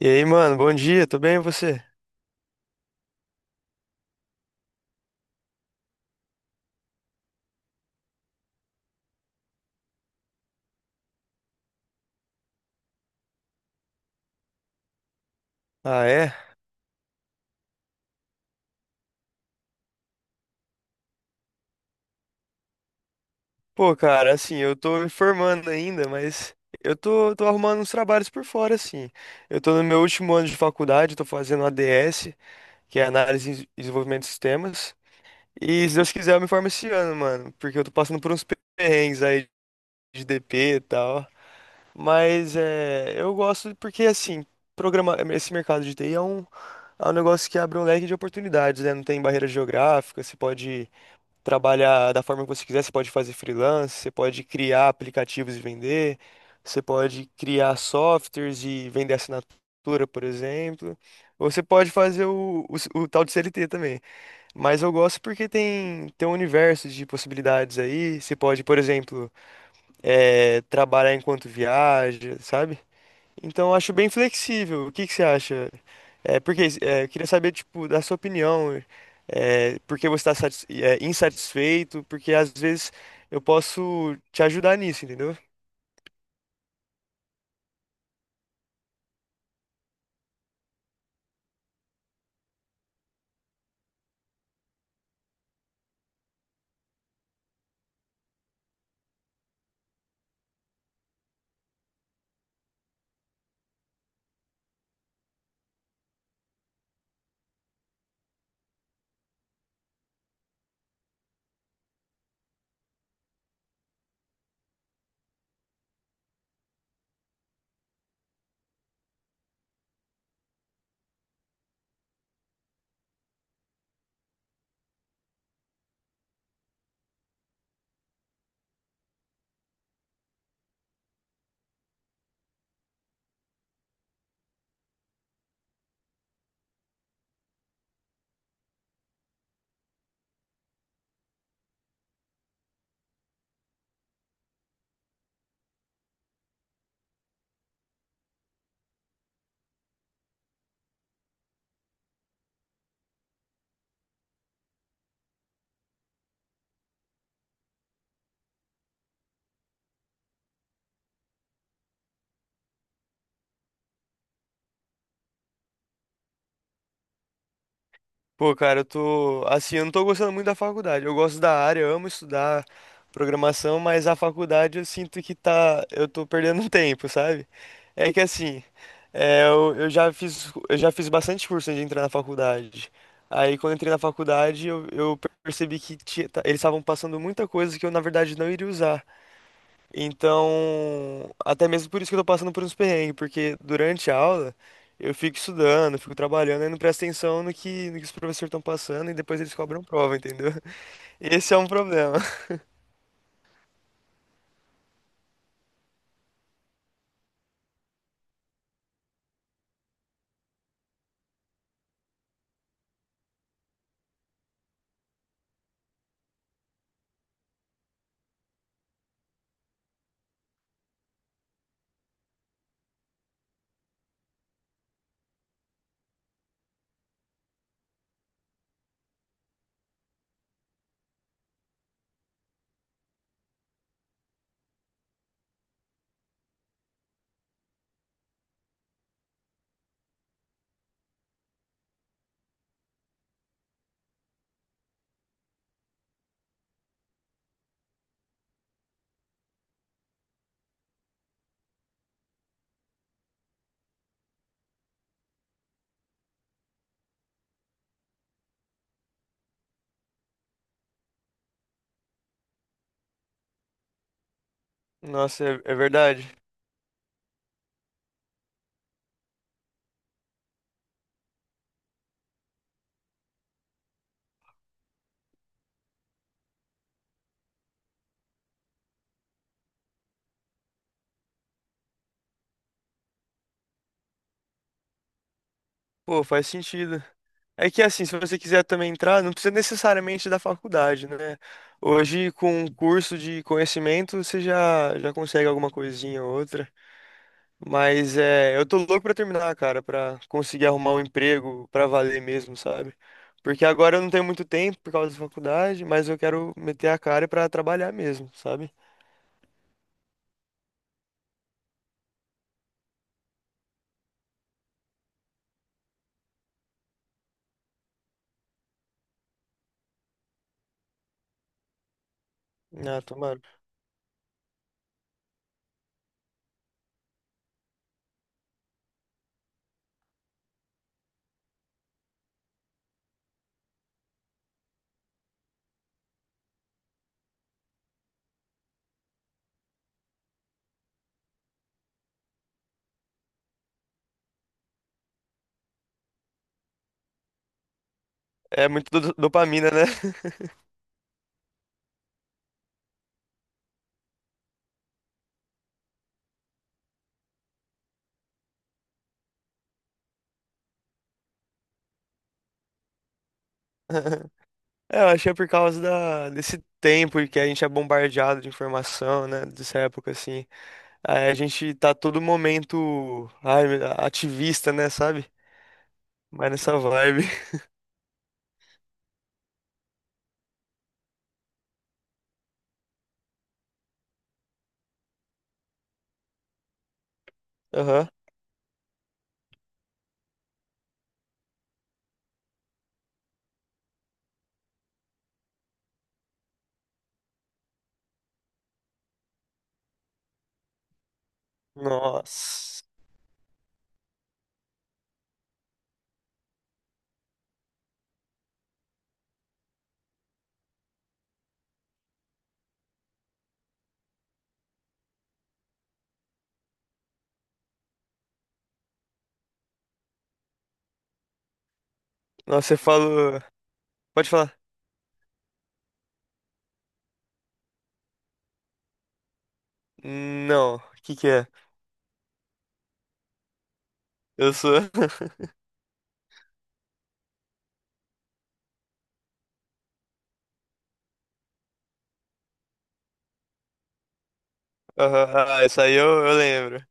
E aí, mano, bom dia, tudo bem e você? Ah, é? Pô, cara, assim, eu tô me formando ainda, mas eu tô arrumando uns trabalhos por fora, assim. Eu tô no meu último ano de faculdade, tô fazendo ADS, que é Análise e Desenvolvimento de Sistemas. E se Deus quiser, eu me formo esse ano, mano, porque eu tô passando por uns perrengues aí de DP e tal. Mas é, eu gosto porque, assim, programa, esse mercado de TI é um negócio que abre um leque de oportunidades, né? Não tem barreira geográfica, você pode trabalhar da forma que você quiser, você pode fazer freelance, você pode criar aplicativos e vender, você pode criar softwares e vender assinatura, por exemplo. Ou você pode fazer o tal de CLT também. Mas eu gosto porque tem um universo de possibilidades aí. Você pode, por exemplo, trabalhar enquanto viaja, sabe? Então, eu acho bem flexível. O que que você acha? Eu queria saber, tipo, da sua opinião. É, por que você está insatisfeito? Porque às vezes eu posso te ajudar nisso, entendeu? Pô, cara, eu tô. Assim, eu não tô gostando muito da faculdade. Eu gosto da área, eu amo estudar programação, mas a faculdade eu sinto que tá. Eu tô perdendo tempo, sabe? É que assim, eu já fiz bastante curso antes de entrar na faculdade. Aí quando eu entrei na faculdade, eu percebi que eles estavam passando muita coisa que eu, na verdade, não iria usar. Então, até mesmo por isso que eu tô passando por uns perrengues, porque durante a aula eu fico estudando, fico trabalhando e não presto atenção no que os professores estão passando e depois eles cobram prova, entendeu? Esse é um problema. Nossa, é, é verdade. Pô, faz sentido. É que assim, se você quiser também entrar, não precisa necessariamente da faculdade, né? Hoje, com um curso de conhecimento, você já consegue alguma coisinha ou outra. Mas é, eu tô louco pra terminar, cara, pra conseguir arrumar um emprego pra valer mesmo, sabe? Porque agora eu não tenho muito tempo por causa da faculdade, mas eu quero meter a cara pra trabalhar mesmo, sabe? Ah, tomara. É muito dopamina, né? É, eu achei por causa da, desse tempo que a gente é bombardeado de informação, né? Dessa época, assim. Aí a gente tá todo momento, ai, ativista, né? Sabe? Mas nessa vibe. Aham. Nossa. Nossa, você falou. Pode falar. Não, o que que é? Eu sou. Aham, ah, isso aí eu lembro.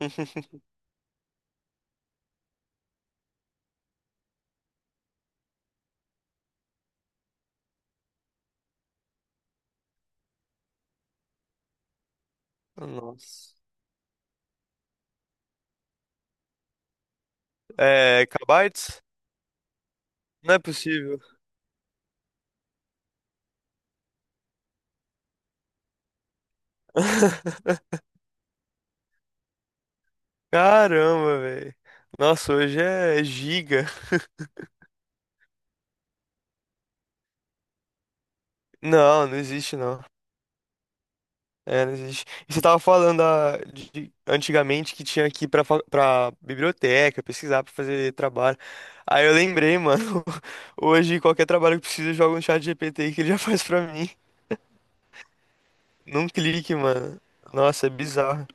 Nossa. É, Kabaits? Não é possível. Caramba, velho. Nossa, hoje é giga. Não, não existe não. É, não existe. E você tava falando antigamente que tinha que ir pra, pra biblioteca, pesquisar pra fazer trabalho. Aí eu lembrei, mano. Hoje qualquer trabalho que precisa, joga no chat GPT que ele já faz pra mim. Num clique, mano. Nossa, é bizarro.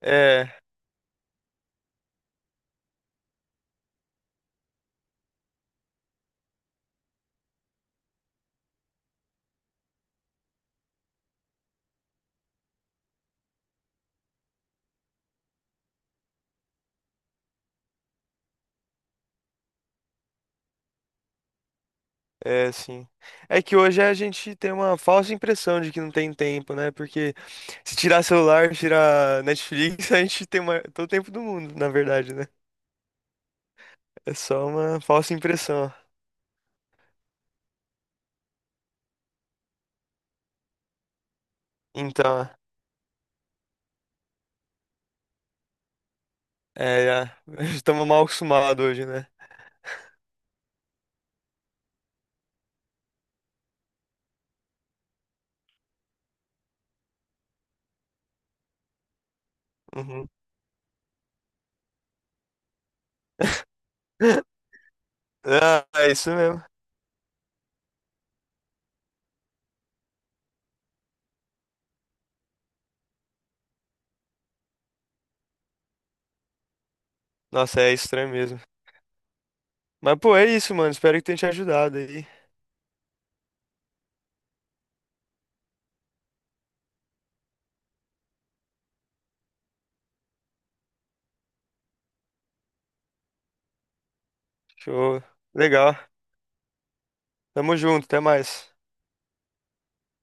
É, é assim. É que hoje a gente tem uma falsa impressão de que não tem tempo, né? Porque se tirar celular, tirar Netflix, a gente tem todo o tempo do mundo, na verdade, né? É só uma falsa impressão. Então, é, é, estamos mal acostumados hoje, né? Uhum. Ah, é isso mesmo. Nossa, é estranho mesmo. Mas, pô, é isso, mano. Espero que tenha te ajudado aí. Show. Legal. Tamo junto, até mais.